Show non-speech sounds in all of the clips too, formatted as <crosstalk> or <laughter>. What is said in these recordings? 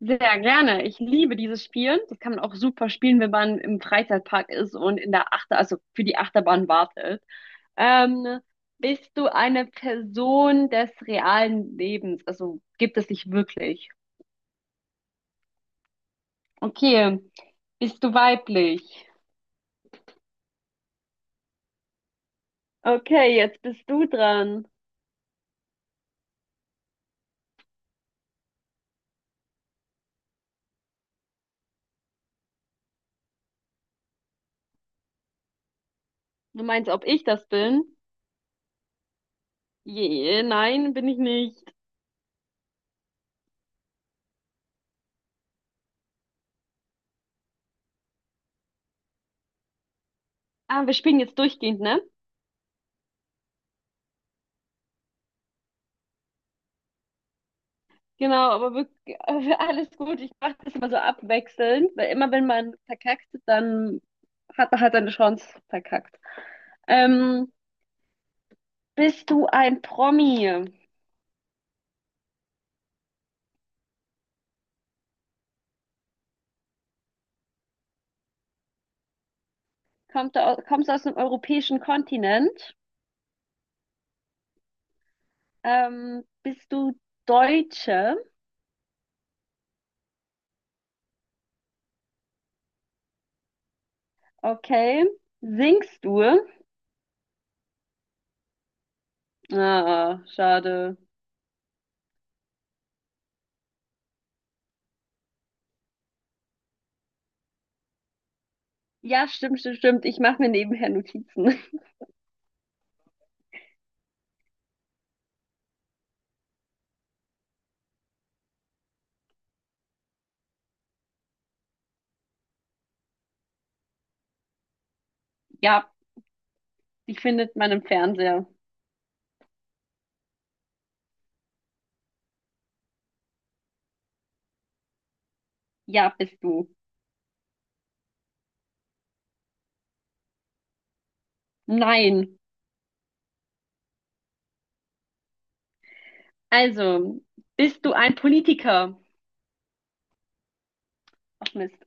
Sehr gerne. Ich liebe dieses Spiel. Das kann man auch super spielen, wenn man im Freizeitpark ist und in der Achter, also für die Achterbahn wartet. Ähm, Bist du eine Person des realen Lebens? Also gibt es dich wirklich? Okay. Bist du weiblich? Okay, jetzt bist du dran. Du meinst, ob ich das bin? Je, nein, bin ich nicht. Ah, wir spielen jetzt durchgehend, ne? Genau, aber wirklich, <laughs> alles gut. Ich mache das immer so abwechselnd, weil immer wenn man verkackt, dann hat man halt eine Chance verkackt. Ähm, Bist du ein Promi? Kommst du aus dem europäischen Kontinent? Bist du Deutsche? Okay. Singst du? Ah, schade. Ja, stimmt, stimmt, stimmt. Ich mache mir nebenher Notizen. <laughs> Ja, die findet man im Fernseher. Ja, bist du. Nein. Also, bist du ein Politiker? Ach Mist.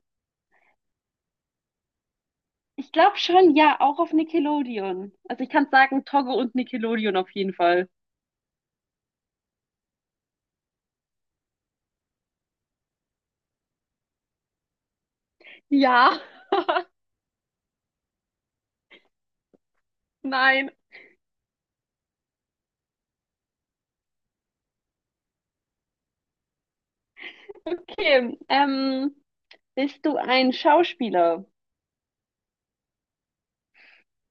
Ich glaube schon, ja, auch auf Nickelodeon. Also ich kann sagen, Togo und Nickelodeon auf jeden Fall. Ja. <laughs> Nein. Okay. Bist du ein Schauspieler?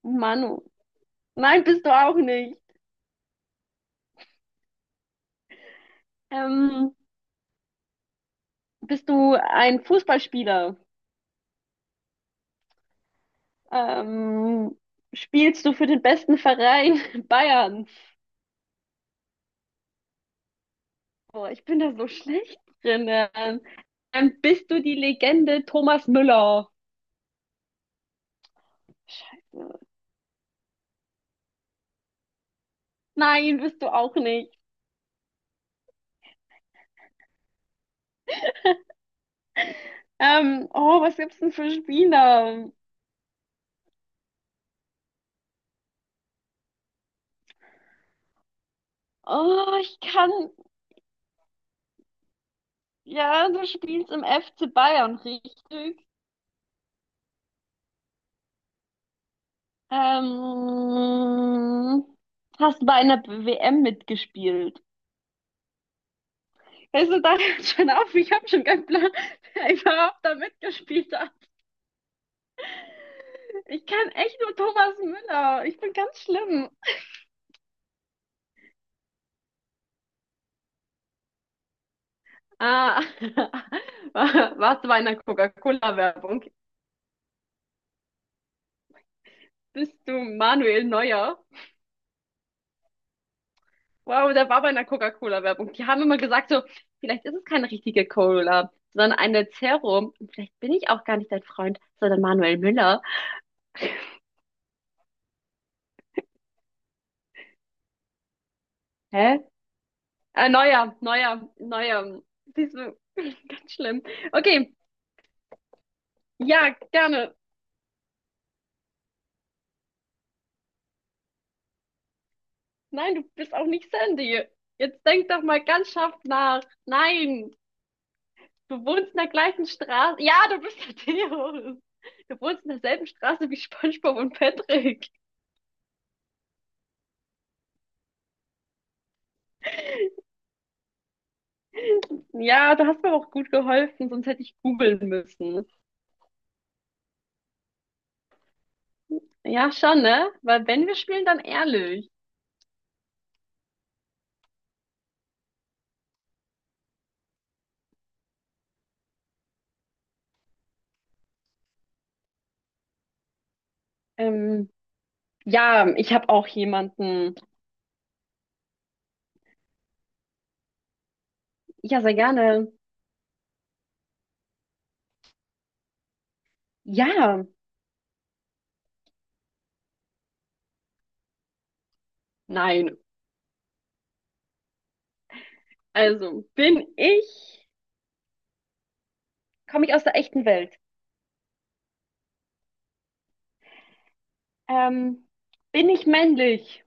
Manu. Nein, bist du auch nicht. Ähm, bist du ein Fußballspieler? Ähm, spielst du für den besten Verein <laughs> Bayerns? Boah, ich bin da so schlecht drin. Bist du die Legende Thomas Müller? Scheiße. Nein, bist du auch nicht. Oh, was gibt's denn für Spiele? Oh, ich kann. Ja, du spielst im FC Bayern, richtig? Ähm, hast bei einer WM mitgespielt. Weißt du, da hört schon auf, ich habe schon keinen Plan, <laughs> wer überhaupt da mitgespielt hat. Ich kann echt nur Thomas Müller. Ich bin ganz schlimm. Ah, <laughs> warst du bei einer Coca-Cola-Werbung? Bist du Manuel Neuer? Wow, der war bei einer Coca-Cola-Werbung. Die haben immer gesagt, so, vielleicht ist es keine richtige Cola, sondern eine Zero. Und vielleicht bin ich auch gar nicht dein Freund, sondern Manuel Müller. Hä? Neuer. Siehst du, <laughs> ganz schlimm. Okay, ja, gerne. Nein, du bist auch nicht Sandy. Jetzt denk doch mal ganz scharf nach. Nein, du wohnst in der gleichen Straße. Ja, du bist der Theo. Du wohnst in derselben Straße wie SpongeBob und Patrick. Ja, du hast mir auch gut geholfen, sonst hätte ich googeln müssen. Ja, schon, ne? Weil wenn wir spielen, dann ehrlich. Ähm, ja, ich habe auch jemanden. Ja, sehr gerne. Ja, nein. Also, komme ich aus der echten Welt? Ähm, bin ich männlich?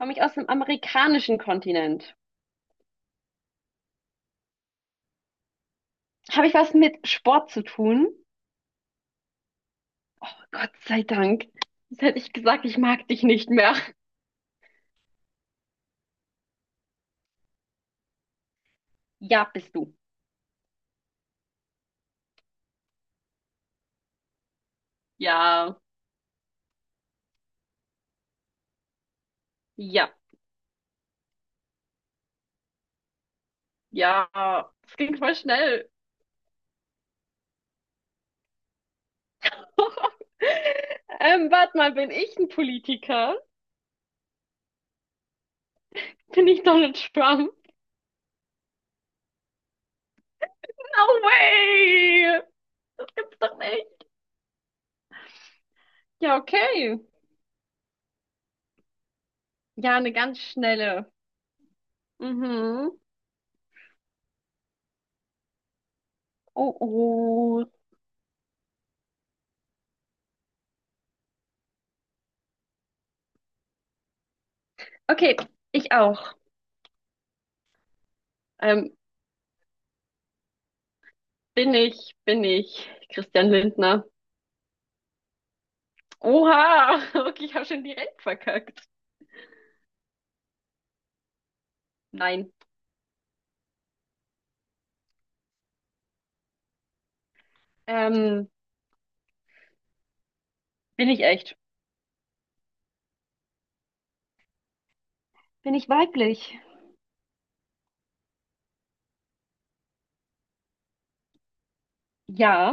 Komme ich aus dem amerikanischen Kontinent? Habe ich was mit Sport zu tun? Oh, Gott sei Dank. Sonst hätte ich gesagt, ich mag dich nicht mehr. Ja, bist du. Ja, ja. Ja, es ging voll schnell. <laughs> Warte mal, bin ich ein Politiker? Bin ich Donald Trump? No way! Das gibt's doch nicht. Ja, okay. Ja, eine ganz schnelle. Mhm. Oh, oh. Okay, ich auch. Ähm, bin ich Christian Lindner. Oha! <laughs> Okay, ich habe schon direkt verkackt. Nein. Ähm, bin ich echt? Bin ich weiblich? Ja.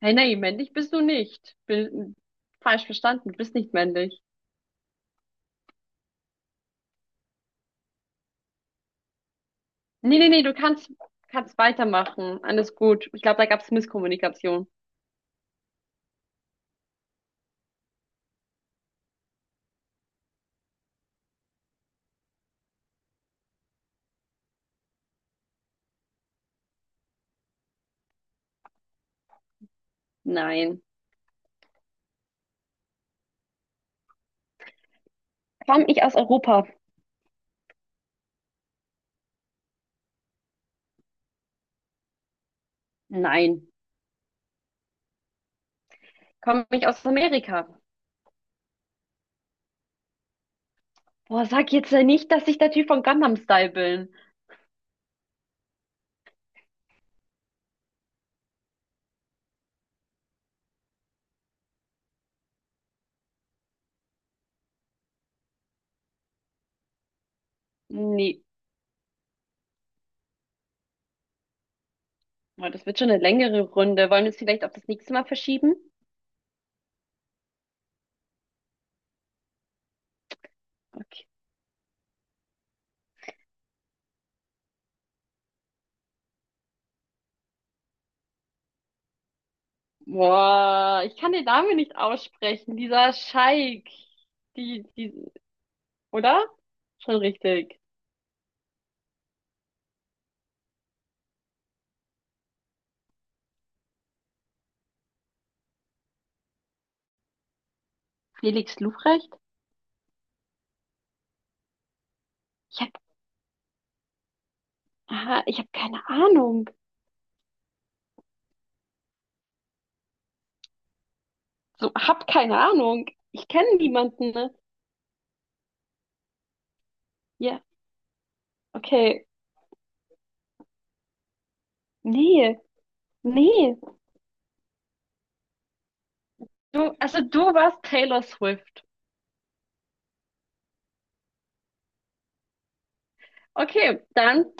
Hey, nein männlich bist du nicht. Bin falsch verstanden, du bist nicht männlich. Nee, nee, nee, kannst weitermachen. Alles gut. Ich glaube, da gab es Misskommunikation. Nein. Komme ich aus Europa? Nein. Komme ich aus Amerika? Boah, sag jetzt ja nicht, dass ich der Typ von Gangnam Style bin. Nee. Boah, das wird schon eine längere Runde. Wollen wir es vielleicht auf das nächste Mal verschieben? Okay. Boah, ich kann den Namen nicht aussprechen. Dieser Scheik. Die, die, oder? Schon richtig. Felix Lufrecht? Ich hab, ah, ich hab keine Ahnung. So, hab keine Ahnung. Ich kenne niemanden, ne? Ja, okay. Nee, nee. Du, also du warst Taylor Swift. Okay, dann